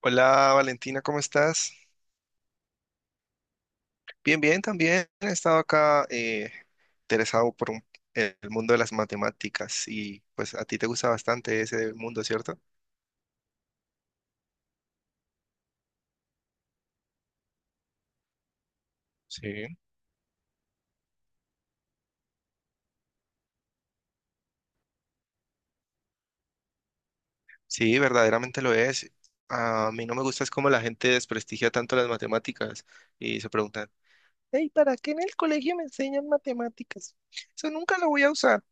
Hola Valentina, ¿cómo estás? Bien, bien, también he estado acá interesado por el mundo de las matemáticas y pues a ti te gusta bastante ese mundo, ¿cierto? Sí. Sí, verdaderamente lo es. A mí no me gusta es cómo la gente desprestigia tanto las matemáticas y se preguntan, hey, ¿para qué en el colegio me enseñan matemáticas? Eso nunca lo voy a usar.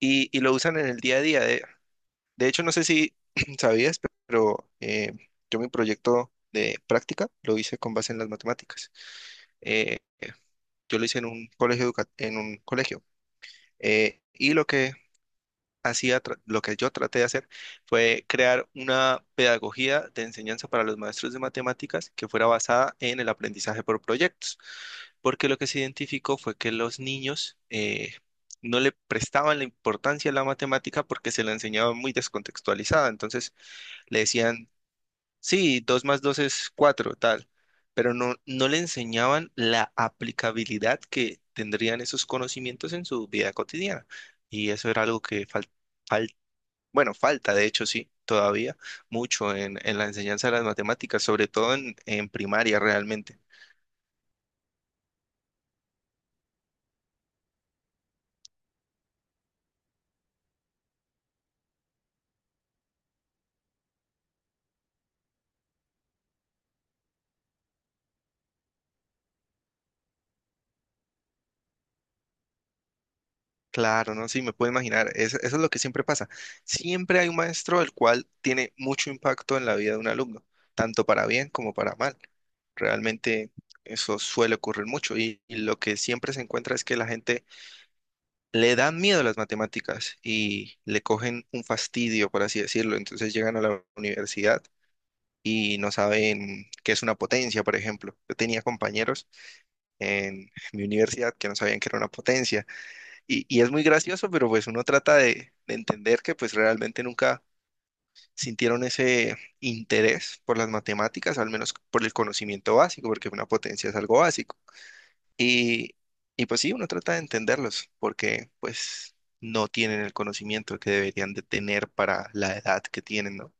Y lo usan en el día a día. De hecho, no sé si sabías, pero yo mi proyecto de práctica lo hice con base en las matemáticas. Eh, yo lo hice en un colegio, en un colegio. Eh, y lo que lo que yo traté de hacer fue crear una pedagogía de enseñanza para los maestros de matemáticas que fuera basada en el aprendizaje por proyectos. Porque lo que se identificó fue que los niños no le prestaban la importancia a la matemática porque se la enseñaba muy descontextualizada. Entonces, le decían, sí, 2 más 2 es 4 tal, pero no le enseñaban la aplicabilidad que tendrían esos conocimientos en su vida cotidiana. Y eso era algo que fal- bueno, falta, de hecho, sí, todavía mucho en la enseñanza de las matemáticas, sobre todo en primaria realmente. Claro, no, sí, me puedo imaginar. Eso es lo que siempre pasa. Siempre hay un maestro el cual tiene mucho impacto en la vida de un alumno, tanto para bien como para mal. Realmente eso suele ocurrir mucho y lo que siempre se encuentra es que la gente le da miedo a las matemáticas y le cogen un fastidio, por así decirlo. Entonces llegan a la universidad y no saben qué es una potencia, por ejemplo. Yo tenía compañeros en mi universidad que no sabían qué era una potencia y es muy gracioso, pero pues uno trata de entender que pues realmente nunca sintieron ese interés por las matemáticas, al menos por el conocimiento básico, porque una potencia es algo básico. Y, y pues sí, uno trata de entenderlos, porque pues no tienen el conocimiento que deberían de tener para la edad que tienen, ¿no?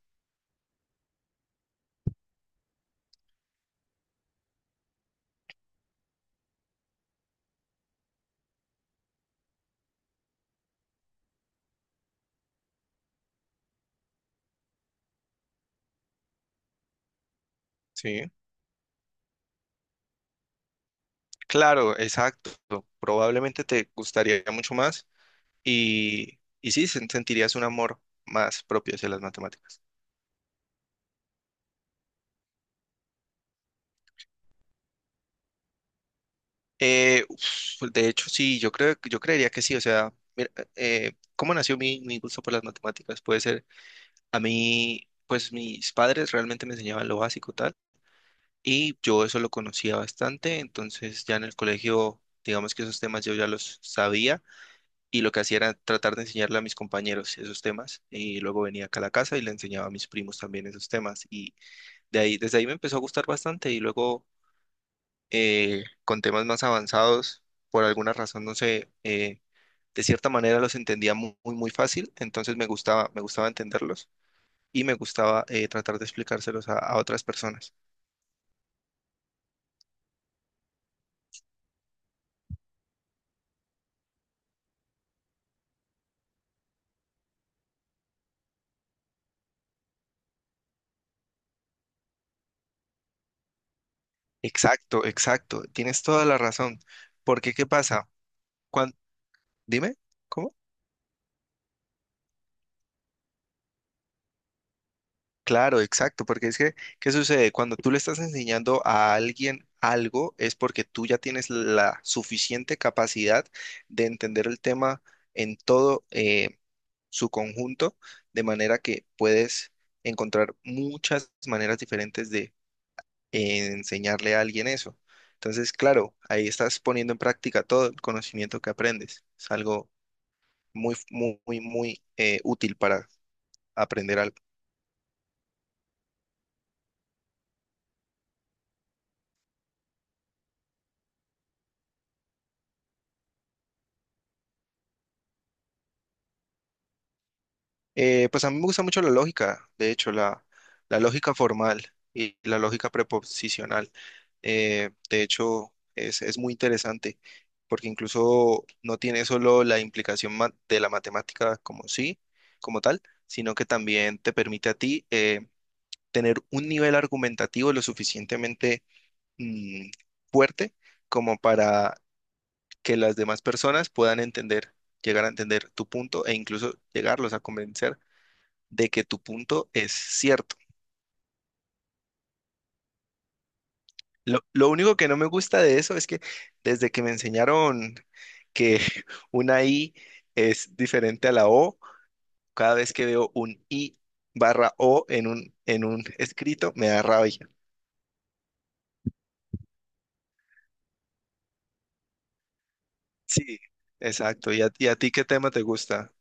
Sí, claro, exacto. Probablemente te gustaría mucho más y sí, sentirías un amor más propio hacia las matemáticas. Uf, de hecho, sí, yo creo, yo creería que sí. O sea, mira, ¿cómo nació mi gusto por las matemáticas? Puede ser, a mí, pues mis padres realmente me enseñaban lo básico tal, y yo eso lo conocía bastante, entonces ya en el colegio, digamos que esos temas yo ya los sabía, y lo que hacía era tratar de enseñarle a mis compañeros esos temas, y luego venía acá a la casa y le enseñaba a mis primos también esos temas, y de ahí, desde ahí me empezó a gustar bastante, y luego con temas más avanzados, por alguna razón, no sé, de cierta manera los entendía muy, muy, fácil, entonces me gustaba entenderlos y me gustaba tratar de explicárselos a otras personas. Exacto, exacto, tienes toda la razón, porque ¿qué pasa? Cuan- Dime, ¿cómo? Claro, exacto, porque es que, ¿qué sucede? Cuando tú le estás enseñando a alguien algo, es porque tú ya tienes la suficiente capacidad de entender el tema en todo, su conjunto, de manera que puedes encontrar muchas maneras diferentes de enseñarle a alguien eso. Entonces, claro, ahí estás poniendo en práctica todo el conocimiento que aprendes. Es algo muy, muy, muy, muy útil para aprender algo. Pues a mí me gusta mucho la lógica, de hecho, la lógica formal y la lógica preposicional. De hecho, es muy interesante porque incluso no tiene solo la implicación de la matemática como sí, como tal, sino que también te permite a ti tener un nivel argumentativo lo suficientemente mm, fuerte como para que las demás personas puedan entender, llegar a entender tu punto e incluso llegarlos a convencer de que tu punto es cierto. Lo único que no me gusta de eso es que desde que me enseñaron que una I es diferente a la O, cada vez que veo un I barra O en un escrito, me da rabia. Sí, exacto. Y a ti qué tema te gusta?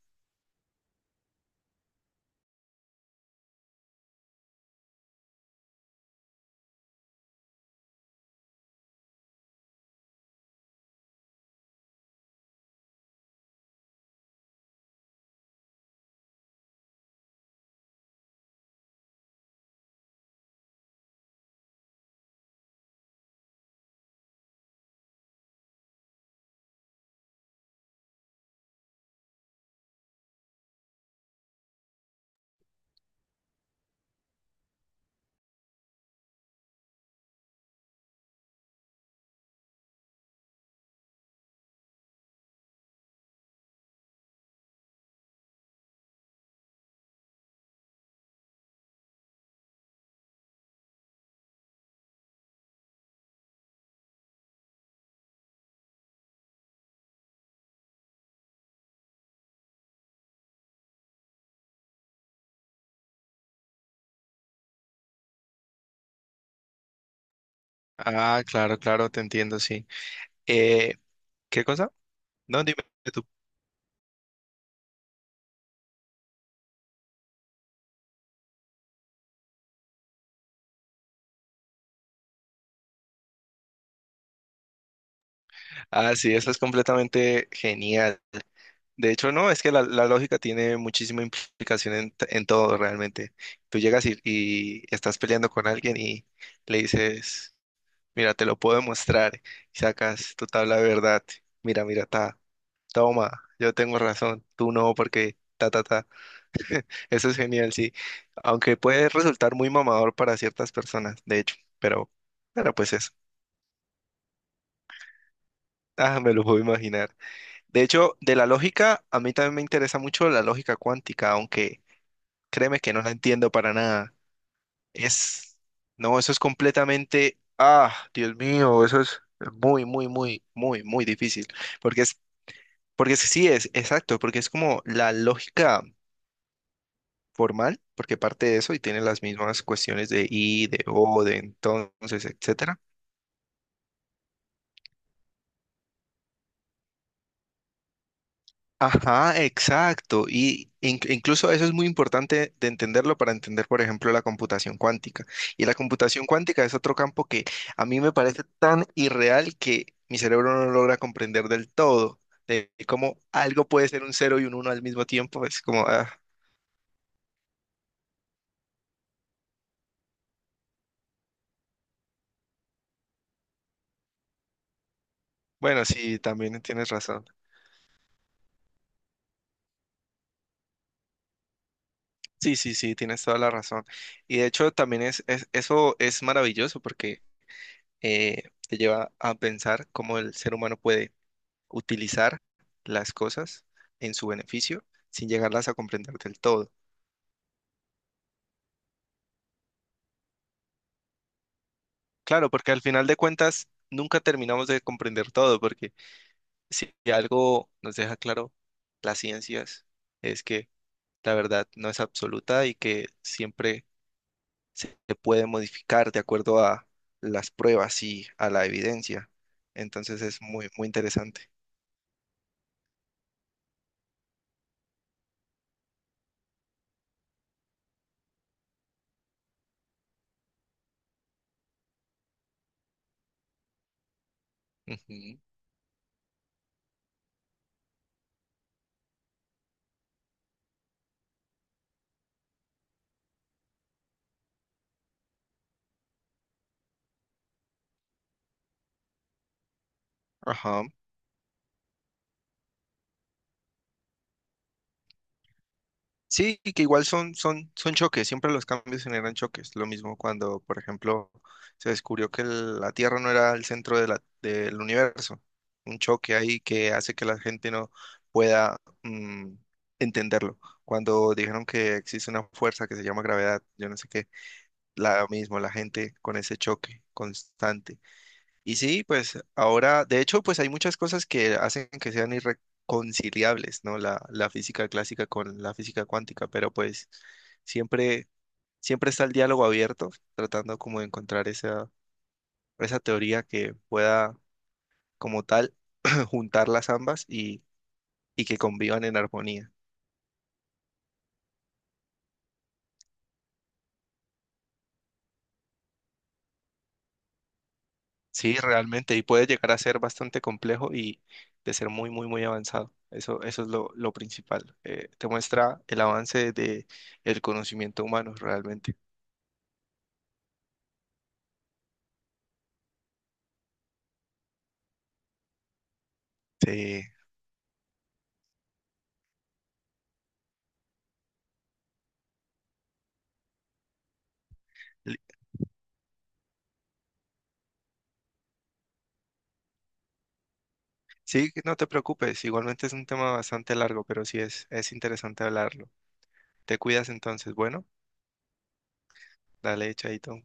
Ah, claro, claro, te entiendo, sí. Eh, ¿Qué cosa? No, dime tú. Ah, sí, eso es completamente genial. De hecho, no, es que la lógica tiene muchísima implicación en, en todo realmente. Tú llegas y estás peleando con alguien y le dices, mira, te lo puedo demostrar, y sacas tu tabla de verdad, mira, mira, ta, toma, yo tengo razón, tú no, porque ta, ta, ta. Eso es genial, sí. Aunque puede resultar muy mamador para ciertas personas, de hecho, pero pues eso. Ah, me lo puedo imaginar. De hecho, de la lógica, a mí también me interesa mucho la lógica cuántica, aunque créeme que no la entiendo para nada. Es, no, eso es completamente, ah, Dios mío, eso es muy, muy, muy, muy, muy difícil. Porque es, sí es, exacto, porque es como la lógica formal, porque parte de eso y tiene las mismas cuestiones de y, de o, de entonces, etcétera. Ajá, exacto. Y incluso eso es muy importante de entenderlo para entender, por ejemplo, la computación cuántica. Y la computación cuántica es otro campo que a mí me parece tan irreal que mi cerebro no logra comprender del todo, de cómo algo puede ser un cero y un uno al mismo tiempo. Es como, ah, bueno, sí, también tienes razón. Sí, sí, sí, tienes toda la razón. Y de hecho, también es, eso es maravilloso porque eh, te lleva a pensar cómo el ser humano puede utilizar las cosas en su beneficio sin llegarlas a comprender del todo. Claro, porque al final de cuentas nunca terminamos de comprender todo, porque si algo nos deja claro las ciencias es que la verdad no es absoluta y que siempre se puede modificar de acuerdo a las pruebas y a la evidencia. Entonces es muy, muy interesante. Ujú. Ajá. Sí, y que igual son, son, son choques, siempre los cambios generan choques. Lo mismo cuando, por ejemplo, se descubrió que la Tierra no era el centro de del universo. Un choque ahí que hace que la gente no pueda mm, entenderlo. Cuando dijeron que existe una fuerza que se llama gravedad, yo no sé qué, la mismo, la gente con ese choque constante. Y sí, pues ahora, de hecho, pues hay muchas cosas que hacen que sean irreconciliables, ¿no? La física clásica con la física cuántica, pero pues siempre, siempre está el diálogo abierto, tratando como de encontrar esa, esa teoría que pueda como tal juntar las ambas y que convivan en armonía. Sí, realmente, y puede llegar a ser bastante complejo y de ser muy, muy, muy avanzado. Eso es lo principal. Te muestra el avance de el conocimiento humano realmente. Sí, Li- sí, no te preocupes, igualmente es un tema bastante largo, pero sí es interesante hablarlo. Te cuidas entonces, bueno, dale, chaito.